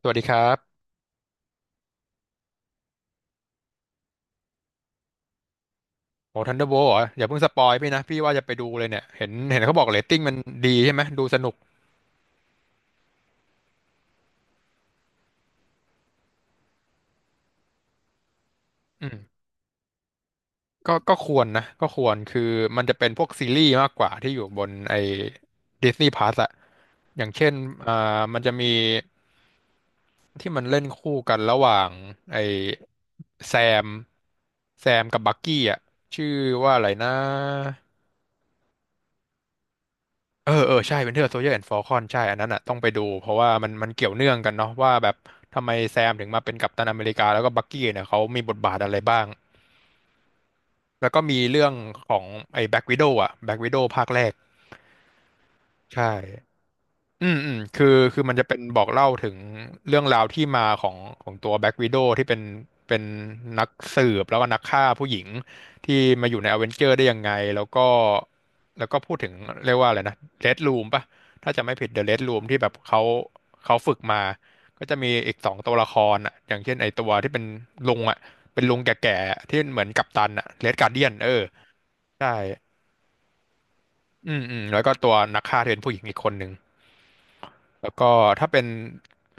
สวัสดีครับโอ้ทันเดอร์โบเหรออย่าเพิ่งสปอยพี่นะพี่ว่าจะไปดูเลยเนี่ยเห็นเขาบอกเรตติ้งมันดีใช่ไหมดูสนุกอืมก็ควรนะก็ควรคือมันจะเป็นพวกซีรีส์มากกว่าที่อยู่บนไอ้ดิสนีย์พลัสอะอย่างเช่นอ่ามันจะมีที่มันเล่นคู่กันระหว่างไอ้แซมแซมกับบักกี้อะชื่อว่าอะไรนะ เออ เออ ใช่ Winter Soldier and Falcon ใช่อันนั้นอ่ะต้องไปดูเพราะว่ามันเกี่ยวเนื่องกันเนาะว่าแบบทำไมแซมถึงมาเป็นกัปตันอเมริกาแล้วก็บักกี้เนี่ยเขามีบทบาทอะไรบ้างแล้วก็มีเรื่องของไอ้แบ็ k ว i โ o w อ่ะแบ็ k ว i โ o w ภาคแรกใช่ อืมคือมันจะเป็นบอกเล่าถึงเรื่องราวที่มาของตัวแบ็ w ว d o w ที่เป็นนักสืบแล้วก็นักฆ่าผู้หญิงที่มาอยู่ในอเวนเจอร์ได้ยังไงแล้วก็พูดถึงเรียกว่าอะไรนะเ d ด o ูมป่ะถ้าจะไม่ผิดเดอะเ d ด o ูมที่แบบเขาฝึกมาก็จะมีอีก2 ตัวละครอ่ะอย่างเช่นไอตัวที่เป็นลุงอ่ะเป็นลุงแก่ๆที่เหมือนกัปตันอ่ะเ d ดการ์เดียนเออใช่อืมแล้วก็ตัวนักฆ่าที่เป็นผู้หญิงอีกคนหนึ่ง แล้วก็ถ้าเป็น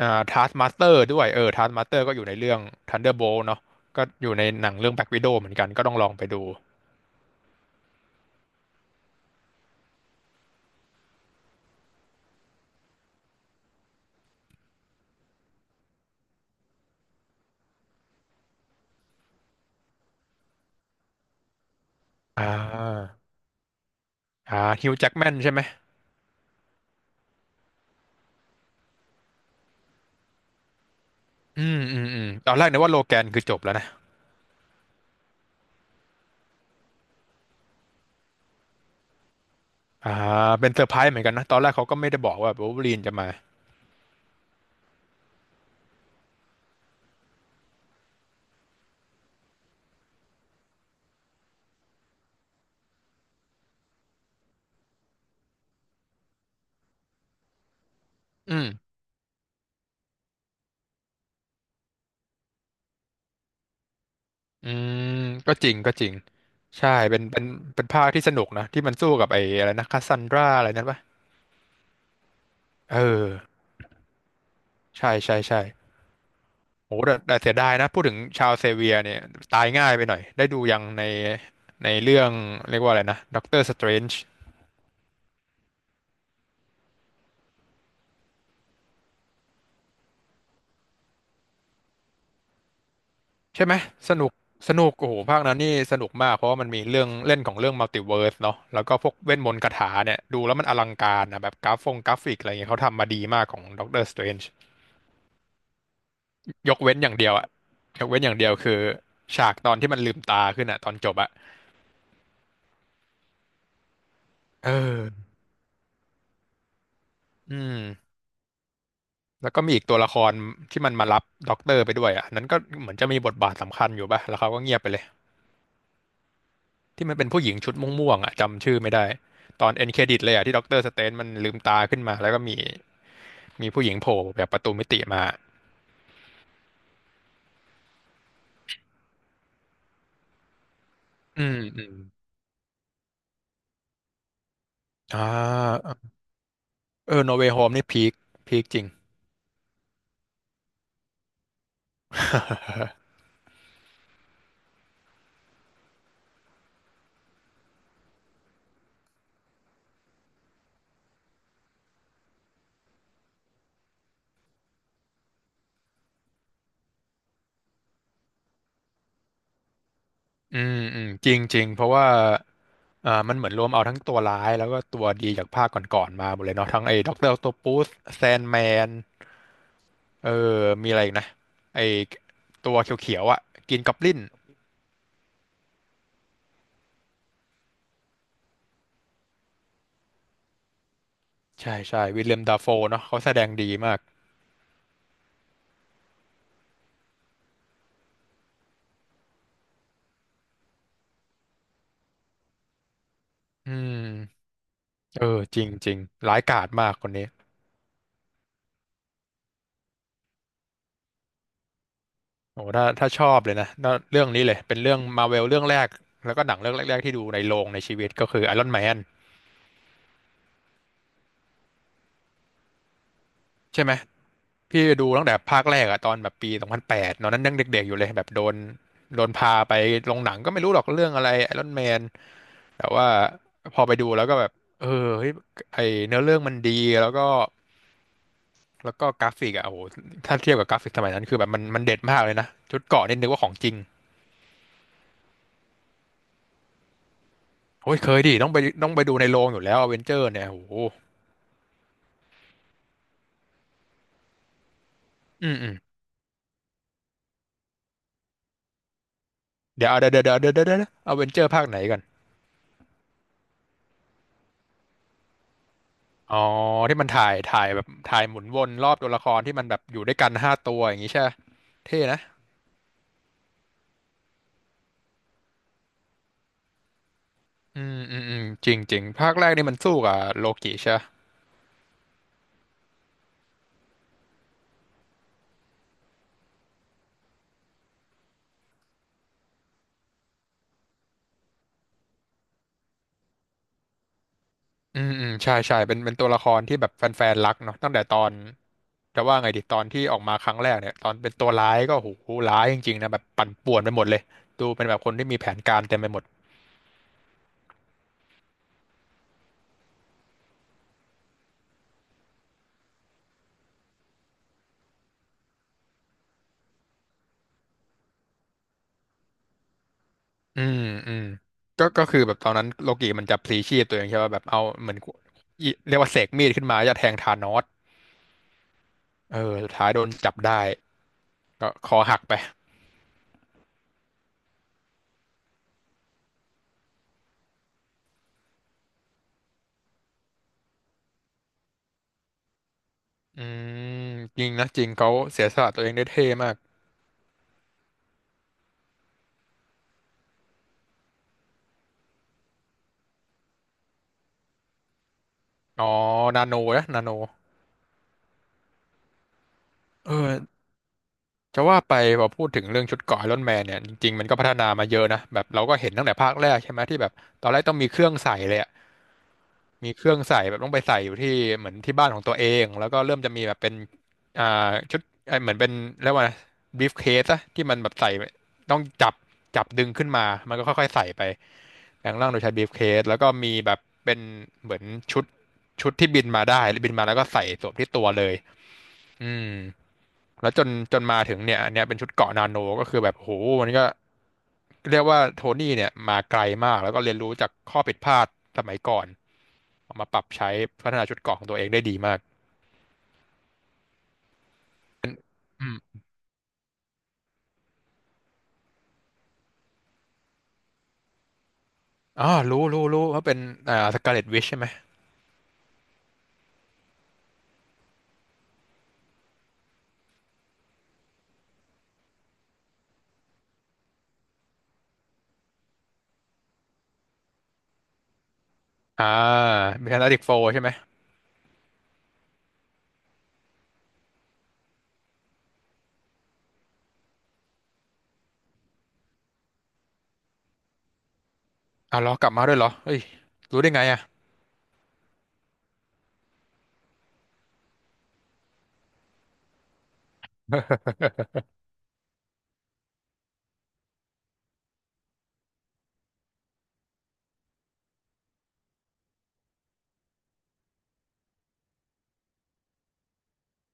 Taskmaster ด้วยเออ Taskmaster ก็อยู่ในเรื่อง Thunderbolt เนาะก็อยู่ในหนังเรื่อง Black Widow เหมือนกันก็ต้องลองไปดูอ่าอ่าฮิวจ์แจ็กแมนใช่ไหมอืมตอนแรกนึกว่าโลแกนคือจบแล้วนะอ่าเป็นเซอร์ไพรส์เหมือนกันนะตอนแรกเขาก็ไม่ได้บอกว่าวูล์ฟเวอรีนจะมาอืมอืมก็จริงก็จริงใช่เป็นภาคที่สนุกนะที่มันสู้กับไอ้อะไรนะคาซันดราอะไรนั่นปะเออใช่ใช่ใช่ โอ้แต่เสียดายนะพูดถึงชาวเซเวียร์เนี่ยตายง่ายไปหน่อยได้ดูยังในเรื่องเรียกว่าอะไรนะด็อกเตอร์สเตรนจ์ใช่ไหมสนุกสนุกโอ้โหภาคนั้นนี่สนุกมากเพราะว่ามันมีเรื่องเล่นของเรื่องมัลติเวิร์สเนาะแล้วก็พวกเวทมนต์คาถาเนี่ยดูแล้วมันอลังการนะแบบกราฟงกราฟิกอะไรเงี้ยเขาทำมาดีมากของด็อกเตอร์สเตรนจ์ยกเว้นอย่างเดียวอะยกเว้นอย่างเดียวคือฉากตอนที่มันลืมตาขึ้นอะตอนจบอะเอออืม แล้วก็มีอีกตัวละครที่มันมารับด็อกเตอร์ไปด้วยอ่ะนั้นก็เหมือนจะมีบทบาทสำคัญอยู่ป่ะแล้วเขาก็เงียบไปเลยที่มันเป็นผู้หญิงชุดม่วงๆอ่ะจำชื่อไม่ได้ตอนเอ็นเครดิตเลยอ่ะที่ด็อกเตอร์สเตนมันลืมตาขึ้นมาแล้วก็มีผู้หญิงโผล่แบบประตูมิติมาอืมอ่าเออโนเว y h โฮมนี่พีคพีคจริงอืมจริงจริงเพราะว่ามันเหมือนรวมเอาทั้งตัวร้ายแล้วก็ตัวดีจากภาคก่อนๆมาหมดเลยเนาะทั้งไอ้ด็อกเตอร์ออคโตปัสแซนแมน เออ มีอะไรอีกนะไอตัวเขียวๆอ่ะกินกอบลินใช่ใช่วิลเลียมดาโฟเนาะเขาแสดงดีมากอืมเออจริงจริงร้ายกาจมากคนนี้โอ้ถ้าชอบเลยนะน่าเรื่องนี้เลยเป็นเรื่องมาเวลเรื่องแรกแล้วก็หนังเรื่องแรกๆที่ดูในโรงในชีวิตก็คือไอรอนแมนใช่ไหมพี่ดูตั้งแต่ภาคแรกอะตอนแบบปี2008ตอนนั้นยังเด็กๆอยู่เลยแบบโดนพาไปโรงหนังก็ไม่รู้หรอกเรื่องอะไรไอรอนแมน แต่ว่าพอไปดูแล้วก็แบบเออเฮ้ยไอเนื้อเรื่องมันดีแล้วก็แล้วก็กราฟิกอะโอ้โหถ้าเทียบกับกราฟิกสมัยนั้นคือแบบมันเด็ดมากเลยนะชุดเกราะนี่นึกว่าของจริงโอ้ยเคยดิต้องไปดูในโรงอยู่แล้วอเวนเจอร์เนี่ยโอ้โหอืมเดี๋ยวเดี๋ยวเดี๋ยวเดี๋ยวเดี๋ยวเดี๋ยวอเวนเจอร์ภาคไหนกันอ๋อที่มันถ่ายแบบถ่ายหมุนวนรอบตัวละครที่มันแบบอยู่ด้วยกัน5 ตัวอย่างงี้ใช่ปะเท่นะอืมจริงจริงภาคแรกนี่มันสู้กับโลกิใช่ อืมใช่เป็นตัวละครที่แบบแฟนๆรักเนาะตั้งแต่ตอนจะว่าไงดีตอนที่ออกมาครั้งแรกเนี่ยตอนเป็นตัวร้ายก็โหร้ายจริงๆนะแบบปั่นป่วนไปหมดเลยดูเป็นแบบคนที่มีแผนการเต็มไปหมดอืมอืมก็คือแบบตอนนั้นโลกิมันจะพลีชีพตัวเองใช่ป่ะแบบเอาเหมือนอิเรียกว่าเสกมีดขึ้นมาจะแทงธานอสเออสุดท้ายโดนจับได้ก็คอหักไปอืมจริงนะจริงเขาเสียสละตัวเองได้เท่มากอ๋อนาโนนะนาโนเออ จะว่าไปพอพูดถึงเรื่องชุดเกราะไอรอนแมนเนี่ยจริงๆมันก็พัฒนามาเยอะนะแบบเราก็เห็นตั้งแต่ภาคแรกใช่ไหมที่แบบตอนแรกต้องมีเครื่องใส่เลยอะมีเครื่องใส่แบบต้องไปใส่อยู่ที่เหมือนที่บ้านของตัวเองแล้วก็เริ่มจะมีแบบเป็นชุดเออเหมือนเป็นเรียกว่าบีฟเคสอะที่มันแบบใส่ต้องจับดึงขึ้นมามันก็ค่อยๆใส่ไปแปลงร่างโดยใช้บีฟเคสแล้วก็มีแบบเป็นเหมือนชุดชุดที่บินมาได้บินมาแล้วก็ใส่สวมที่ตัวเลยอืม แล้วจนมาถึงเนี่ยอันเนี้ยเป็นชุดเกราะนาโนก็คือแบบโหมันก็เรียกว่าโทนี่เนี่ยมาไกลมากแล้วก็เรียนรู้จากข้อผิดพลาดสมัยก่อนเอามาปรับใช้พัฒนาชุดเกราะของตัวเองได้ดีมากอืมอ๋อรู้ว่าเป็นสกาเลตวิชใช่ไหมอ่ามีแฟนตาติกโฟใช่ไหมอ้าวเหรอกลับมาด้วยเหรอเฮ้ยรู้ได้ไงอ่ะ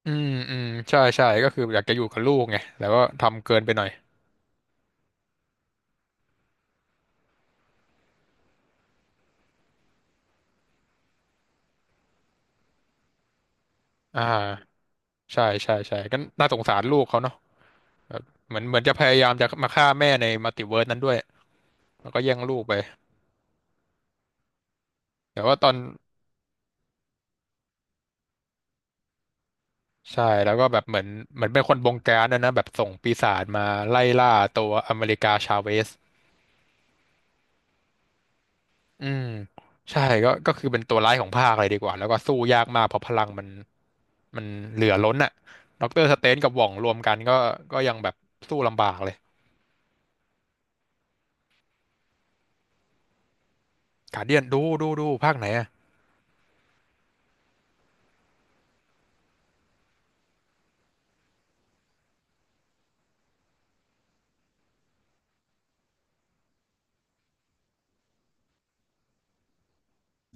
อืมใช่ก็คืออยากจะอยู่กับลูกไงแล้วก็ทำเกินไปหน่อยอ่าใช่ก็น่าสงสารลูกเขาเนาะแบบเหมือนจะพยายามจะมาฆ่าแม่ในมัลติเวิร์สนั้นด้วย แล้วก็แย่งลูกไปแต่ว่าตอนใช่แล้วก็แบบเหมือนเป็นคนบงการนะนะแบบส่งปีศาจมาไล่ล่าตัวอเมริกาชาเวสอืมใช่ก็คือเป็นตัวร้ายของภาคเลยดีกว่าแล้วก็สู้ยากมากเพราะพลังมันเหลือล้นอ่ะด็อกเตอร์สเตนกับหว่องรวมกันก็ยังแบบสู้ลำบากเลยกาเดียนดูภาคไหนอ่ะ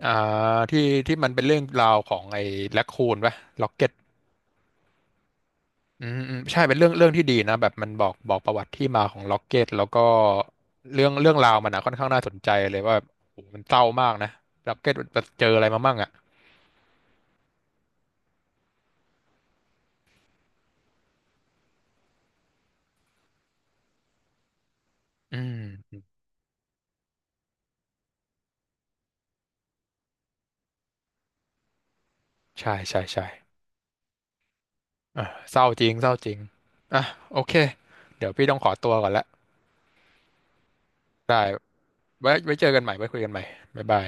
อ่าที่ที่มันเป็นเรื่องราวของไอ้แร็คคูนปะล็อกเก็ต อืมใช่เป็นเรื่องที่ดีนะแบบมันบอกประวัติที่มาของล็อกเก็ตแล้วก็เรื่องราวมันนะค่อนข้างน่าสนใจเลยว่าโอ้โหมันเศร้ามากนะล็อกเก็ตมันเจออะไรมามั่งอ่ะใช่อ่ะเศร้าจริงเศร้าจริงอ่ะโอเคเดี๋ยวพี่ต้องขอตัวก่อนละได้ไว้เจอกันใหม่ไว้คุยกันใหม่บ๊ายบาย